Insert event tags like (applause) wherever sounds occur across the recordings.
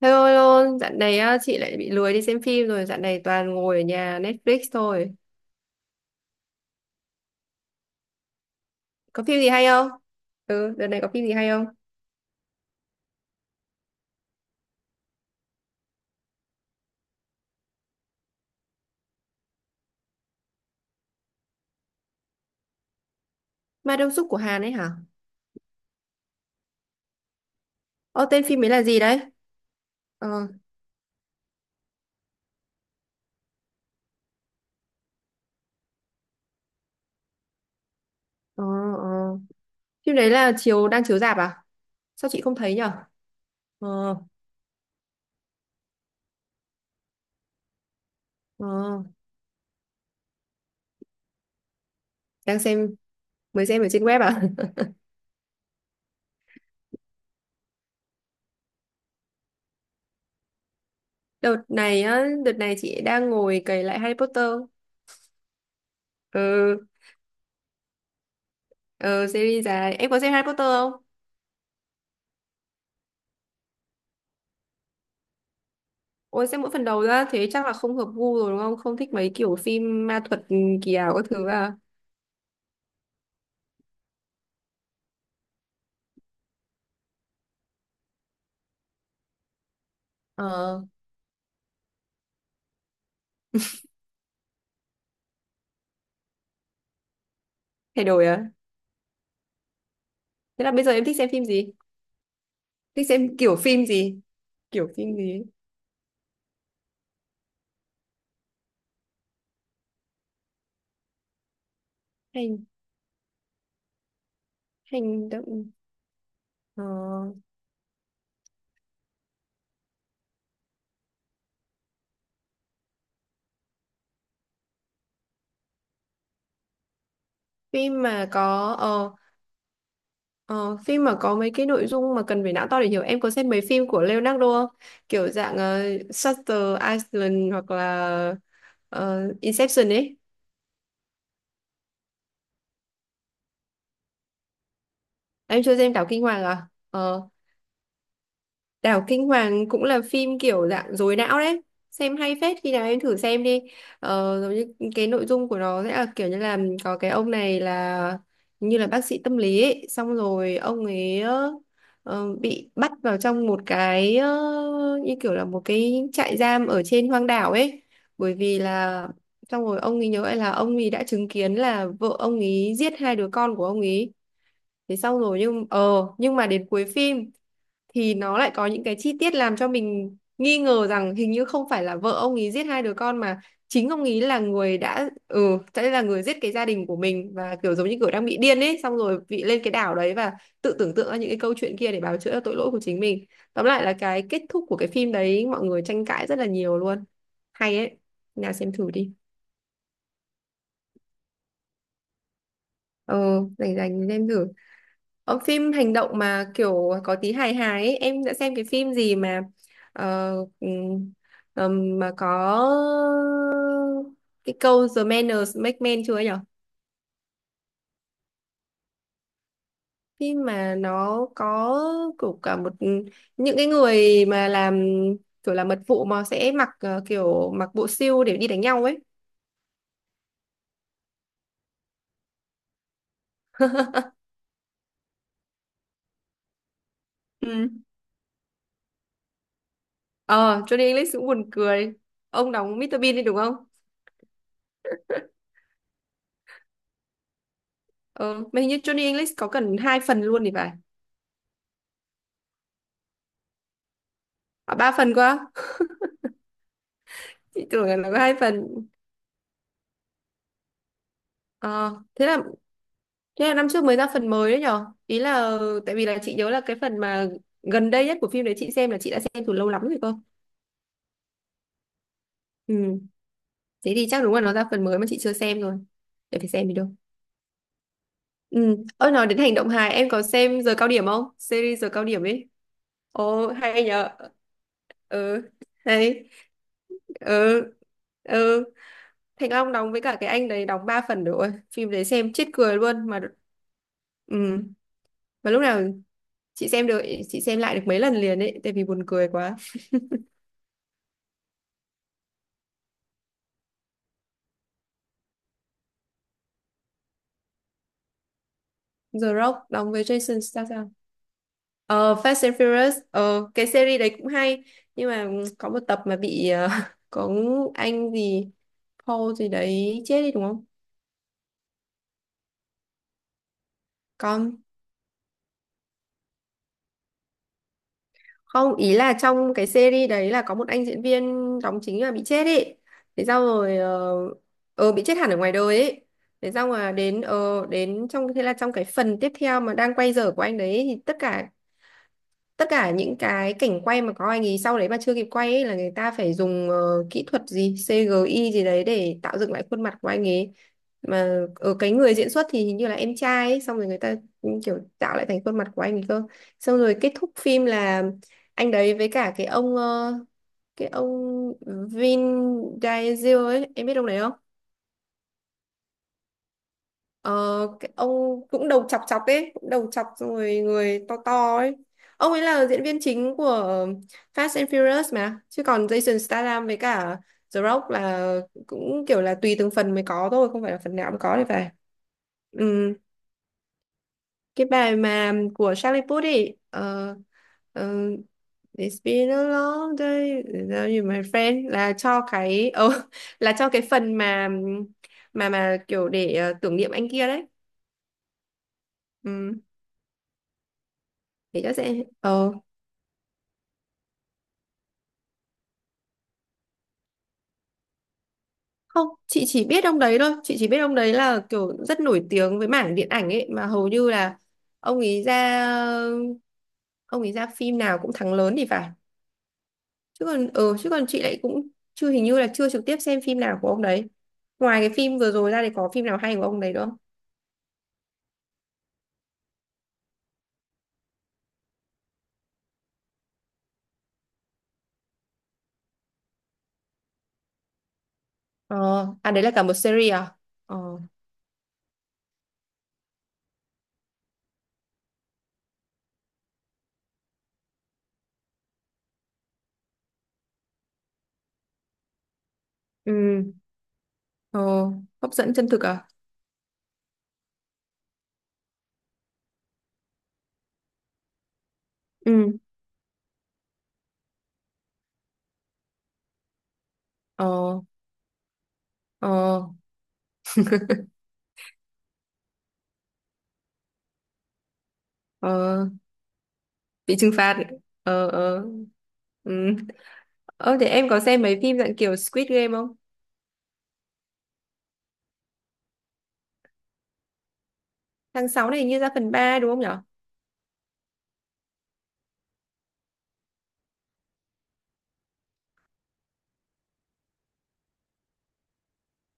Thôi ôi ôi, dạo này á, chị lại bị lười đi xem phim rồi, dạo này toàn ngồi ở nhà Netflix thôi. Có phim gì hay không? Ừ, đợt này có phim gì hay không? Ma Đông Súc của Hàn ấy hả? Ô, tên phim ấy là gì đấy? Ờ. Ờ. Ờ. Phim đấy là chiếu đang chiếu rạp à? Sao chị không thấy nhở? Ờ. Ờ. Đang xem, mới xem ở trên web à? (laughs) Đợt này chị đang ngồi cày lại Harry Potter. Ừ, ừ, series dài. Em có xem Harry Potter không? Ôi xem mỗi phần đầu ra thế chắc là không hợp gu rồi đúng không? Không thích mấy kiểu phim ma thuật kỳ ảo các thứ à? Ờ. Thay đổi à? Thế là bây giờ em thích xem phim gì? Thích xem kiểu phim gì? Kiểu phim gì ấy? Hành hành động, ờ, phim mà có ờ, ờ, phim mà có mấy cái nội dung mà cần phải não to để hiểu. Em có xem mấy phim của Leonardo không? Kiểu dạng Shutter Island hoặc là Inception ấy. Em chưa xem Đảo Kinh Hoàng à? Ờ, Đảo Kinh Hoàng cũng là phim kiểu dạng dối não đấy, xem hay phết, khi nào em thử xem đi. Ờ, giống như cái nội dung của nó sẽ là kiểu như là có cái ông này là như là bác sĩ tâm lý ấy. Xong rồi ông ấy bị bắt vào trong một cái, như kiểu là một cái trại giam ở trên hoang đảo ấy, bởi vì là xong rồi ông ấy nhớ lại là ông ấy đã chứng kiến là vợ ông ấy giết hai đứa con của ông ấy. Thế xong rồi nhưng mà đến cuối phim thì nó lại có những cái chi tiết làm cho mình nghi ngờ rằng hình như không phải là vợ ông ấy giết hai đứa con, mà chính ông ấy là người đã, sẽ là người giết cái gia đình của mình, và kiểu giống như kiểu đang bị điên ấy, xong rồi bị lên cái đảo đấy và tự tưởng tượng ra những cái câu chuyện kia để bào chữa cho tội lỗi của chính mình. Tóm lại là cái kết thúc của cái phim đấy mọi người tranh cãi rất là nhiều luôn, hay ấy, nào xem thử đi. Ờ rảnh rảnh thì xem thử. Phim hành động mà kiểu có tí hài hài ấy, em đã xem cái phim gì ờ, ừm, mà có cái câu The manners make men chưa ấy nhở? Phim mà nó có kiểu cả một những cái người mà làm kiểu là mật vụ mà sẽ mặc ờ, kiểu mặc bộ siêu để đi đánh nhau ấy. Ừ. Ờ, Johnny English cũng buồn cười. Ông đóng Mr. Bean đi đúng không? Ờ, mà hình như Johnny English có cần hai phần luôn thì phải. À, ba phần quá á? Chị tưởng là nó có hai phần. Ờ, thế là thế là năm trước mới ra phần mới đấy nhở? Ý là tại vì là chị nhớ là cái phần mà gần đây nhất của phim đấy chị xem là chị đã xem từ lâu lắm rồi cơ. Ừ, thế thì chắc đúng là nó ra phần mới mà chị chưa xem rồi. Để phải xem đi đâu. Ừ, ôi nói đến hành động hài em có xem giờ cao điểm không? Series giờ cao điểm ấy. Ồ hay nhở. Ừ, hay. Ừ. Ừ, Thành Long đóng với cả cái anh đấy đóng 3 phần rồi. Ôi, phim đấy xem chết cười luôn mà. Ừ. Mà lúc nào chị xem được chị xem lại được mấy lần liền ấy tại vì buồn cười quá. The Rock đóng với Jason Statham. Fast and Furious. Ờ cái series đấy cũng hay, nhưng mà có một tập mà bị, (laughs) có anh gì Paul gì đấy chết đi đúng không? Còn không, ý là trong cái series đấy là có một anh diễn viên đóng chính là bị chết ấy, thế sau rồi bị chết hẳn ở ngoài đời ấy. Thế xong mà đến trong thế là trong cái phần tiếp theo mà đang quay dở của anh đấy thì tất cả những cái cảnh quay mà có anh ấy sau đấy mà chưa kịp quay ấy là người ta phải dùng, kỹ thuật gì CGI gì đấy để tạo dựng lại khuôn mặt của anh ấy, mà ở cái người diễn xuất thì hình như là em trai ấy, xong rồi người ta cũng kiểu tạo lại thành khuôn mặt của anh ấy cơ. Xong rồi kết thúc phim là anh đấy với cả cái ông Vin Diesel ấy, em biết ông đấy không? Ờ, cái ông cũng đầu chọc chọc ấy, cũng đầu chọc xong rồi người to to ấy. Ông ấy là diễn viên chính của Fast and Furious mà, chứ còn Jason Statham với cả The Rock là cũng kiểu là tùy từng phần mới có thôi, không phải là phần nào cũng có thì phải. Ừ, cái bài mà của Charlie Puth ấy, ờ, It's been a long day without you, my friend là cho cái, (laughs) là cho cái phần mà kiểu để tưởng niệm anh kia đấy. Ừ. để cho sẽ ờ Không, chị chỉ biết ông đấy thôi, chị chỉ biết ông đấy là kiểu rất nổi tiếng với mảng điện ảnh ấy, mà hầu như là ông ấy ra ông ấy ra phim nào cũng thắng lớn thì phải. Chứ còn chị lại cũng chưa hình như là chưa trực tiếp xem phim nào của ông đấy. Ngoài cái phim vừa rồi ra thì có phim nào hay của ông đấy nữa không? Ờ. À, đấy là cả một series à? Ờ. Ừ. Ờ. Hấp dẫn chân thực à? Ừ. Ờ. Ờ. Ờ. Bị trừng phạt. Ờ. Ờ. Ừ. Ơ thế em có xem mấy phim dạng kiểu Squid Game không? Tháng 6 này hình như ra phần 3 đúng không nhở?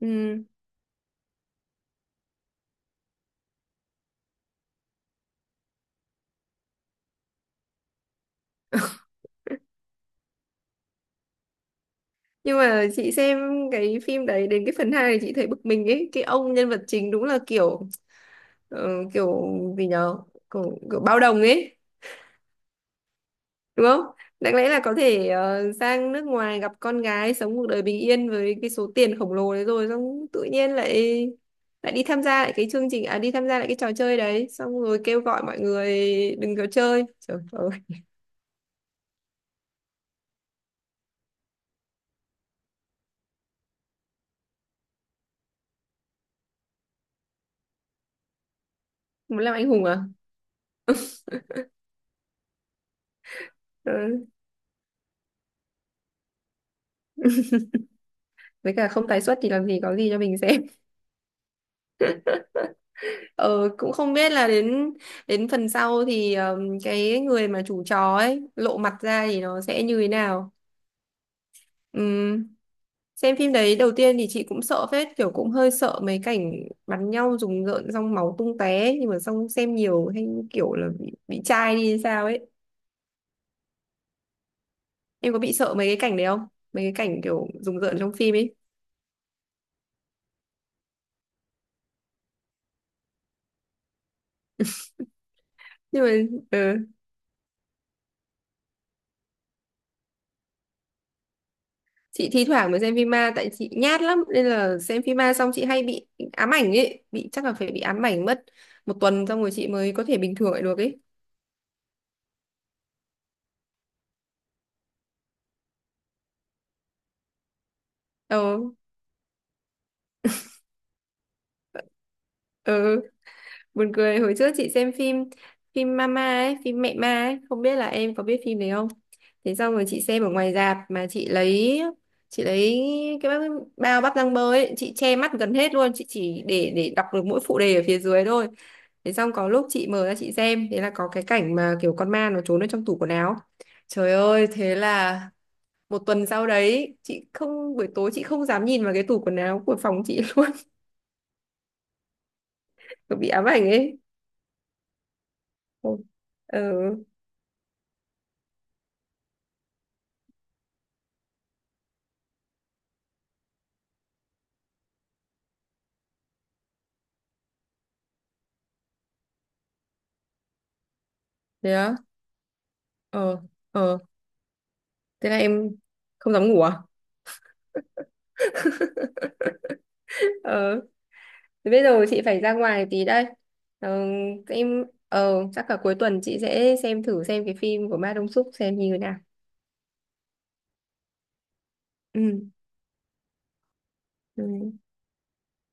Ừ. Nhưng mà chị xem cái phim đấy đến cái phần 2 thì chị thấy bực mình ấy, cái ông nhân vật chính đúng là kiểu, ờ, kiểu gì nhở? Kiểu, kiểu bao đồng ấy, đúng không? Đáng lẽ là có thể sang nước ngoài gặp con gái sống cuộc đời bình yên với cái số tiền khổng lồ đấy, rồi xong tự nhiên lại lại đi tham gia lại cái chương trình, à đi tham gia lại cái trò chơi đấy xong rồi kêu gọi mọi người đừng có chơi. Trời ơi, muốn làm anh hùng à? Ừ. Với cả không tái xuất thì làm gì có gì cho mình xem. (laughs) Ờ, Cũng không biết là đến đến phần sau thì, cái người mà chủ chó ấy lộ mặt ra thì nó sẽ như thế nào. Ừm, Xem phim đấy đầu tiên thì chị cũng sợ phết, kiểu cũng hơi sợ mấy cảnh bắn nhau rùng rợn xong máu tung tóe ấy, nhưng mà xong xem nhiều hay kiểu là bị chai đi hay sao ấy. Em có bị sợ mấy cái cảnh đấy không? Mấy cái cảnh kiểu rùng rợn trong phim ấy. Nhưng mà ừ. chị thi thoảng mới xem phim ma tại chị nhát lắm nên là xem phim ma xong chị hay bị ám ảnh ấy, bị chắc là phải bị ám ảnh mất một tuần, xong rồi chị mới có thể bình thường lại được ấy. ờ ừ. Buồn cười, hồi trước chị xem phim phim Mama ấy, phim mẹ ma ấy, không biết là em có biết phim đấy không? Thế xong rồi chị xem ở ngoài rạp mà chị lấy cái bao bắp rang bơ ấy, chị che mắt gần hết luôn, chị chỉ để đọc được mỗi phụ đề ở phía dưới thôi. Thế xong có lúc chị mở ra chị xem, thế là có cái cảnh mà kiểu con ma nó trốn ở trong tủ quần áo. Trời ơi, thế là một tuần sau đấy, chị không buổi tối chị không dám nhìn vào cái tủ quần áo của phòng chị (laughs) luôn, bị ám ảnh ấy. Ừ. Ừ. Ờ. Ờ. Thế là em không dám ngủ à? (laughs) ờ Thế bây giờ chị phải ra ngoài tí đây. ờ, em, chắc cả cuối tuần chị sẽ xem thử xem cái phim của Ma Đông Súc xem như thế nào. Ừ. Ừ.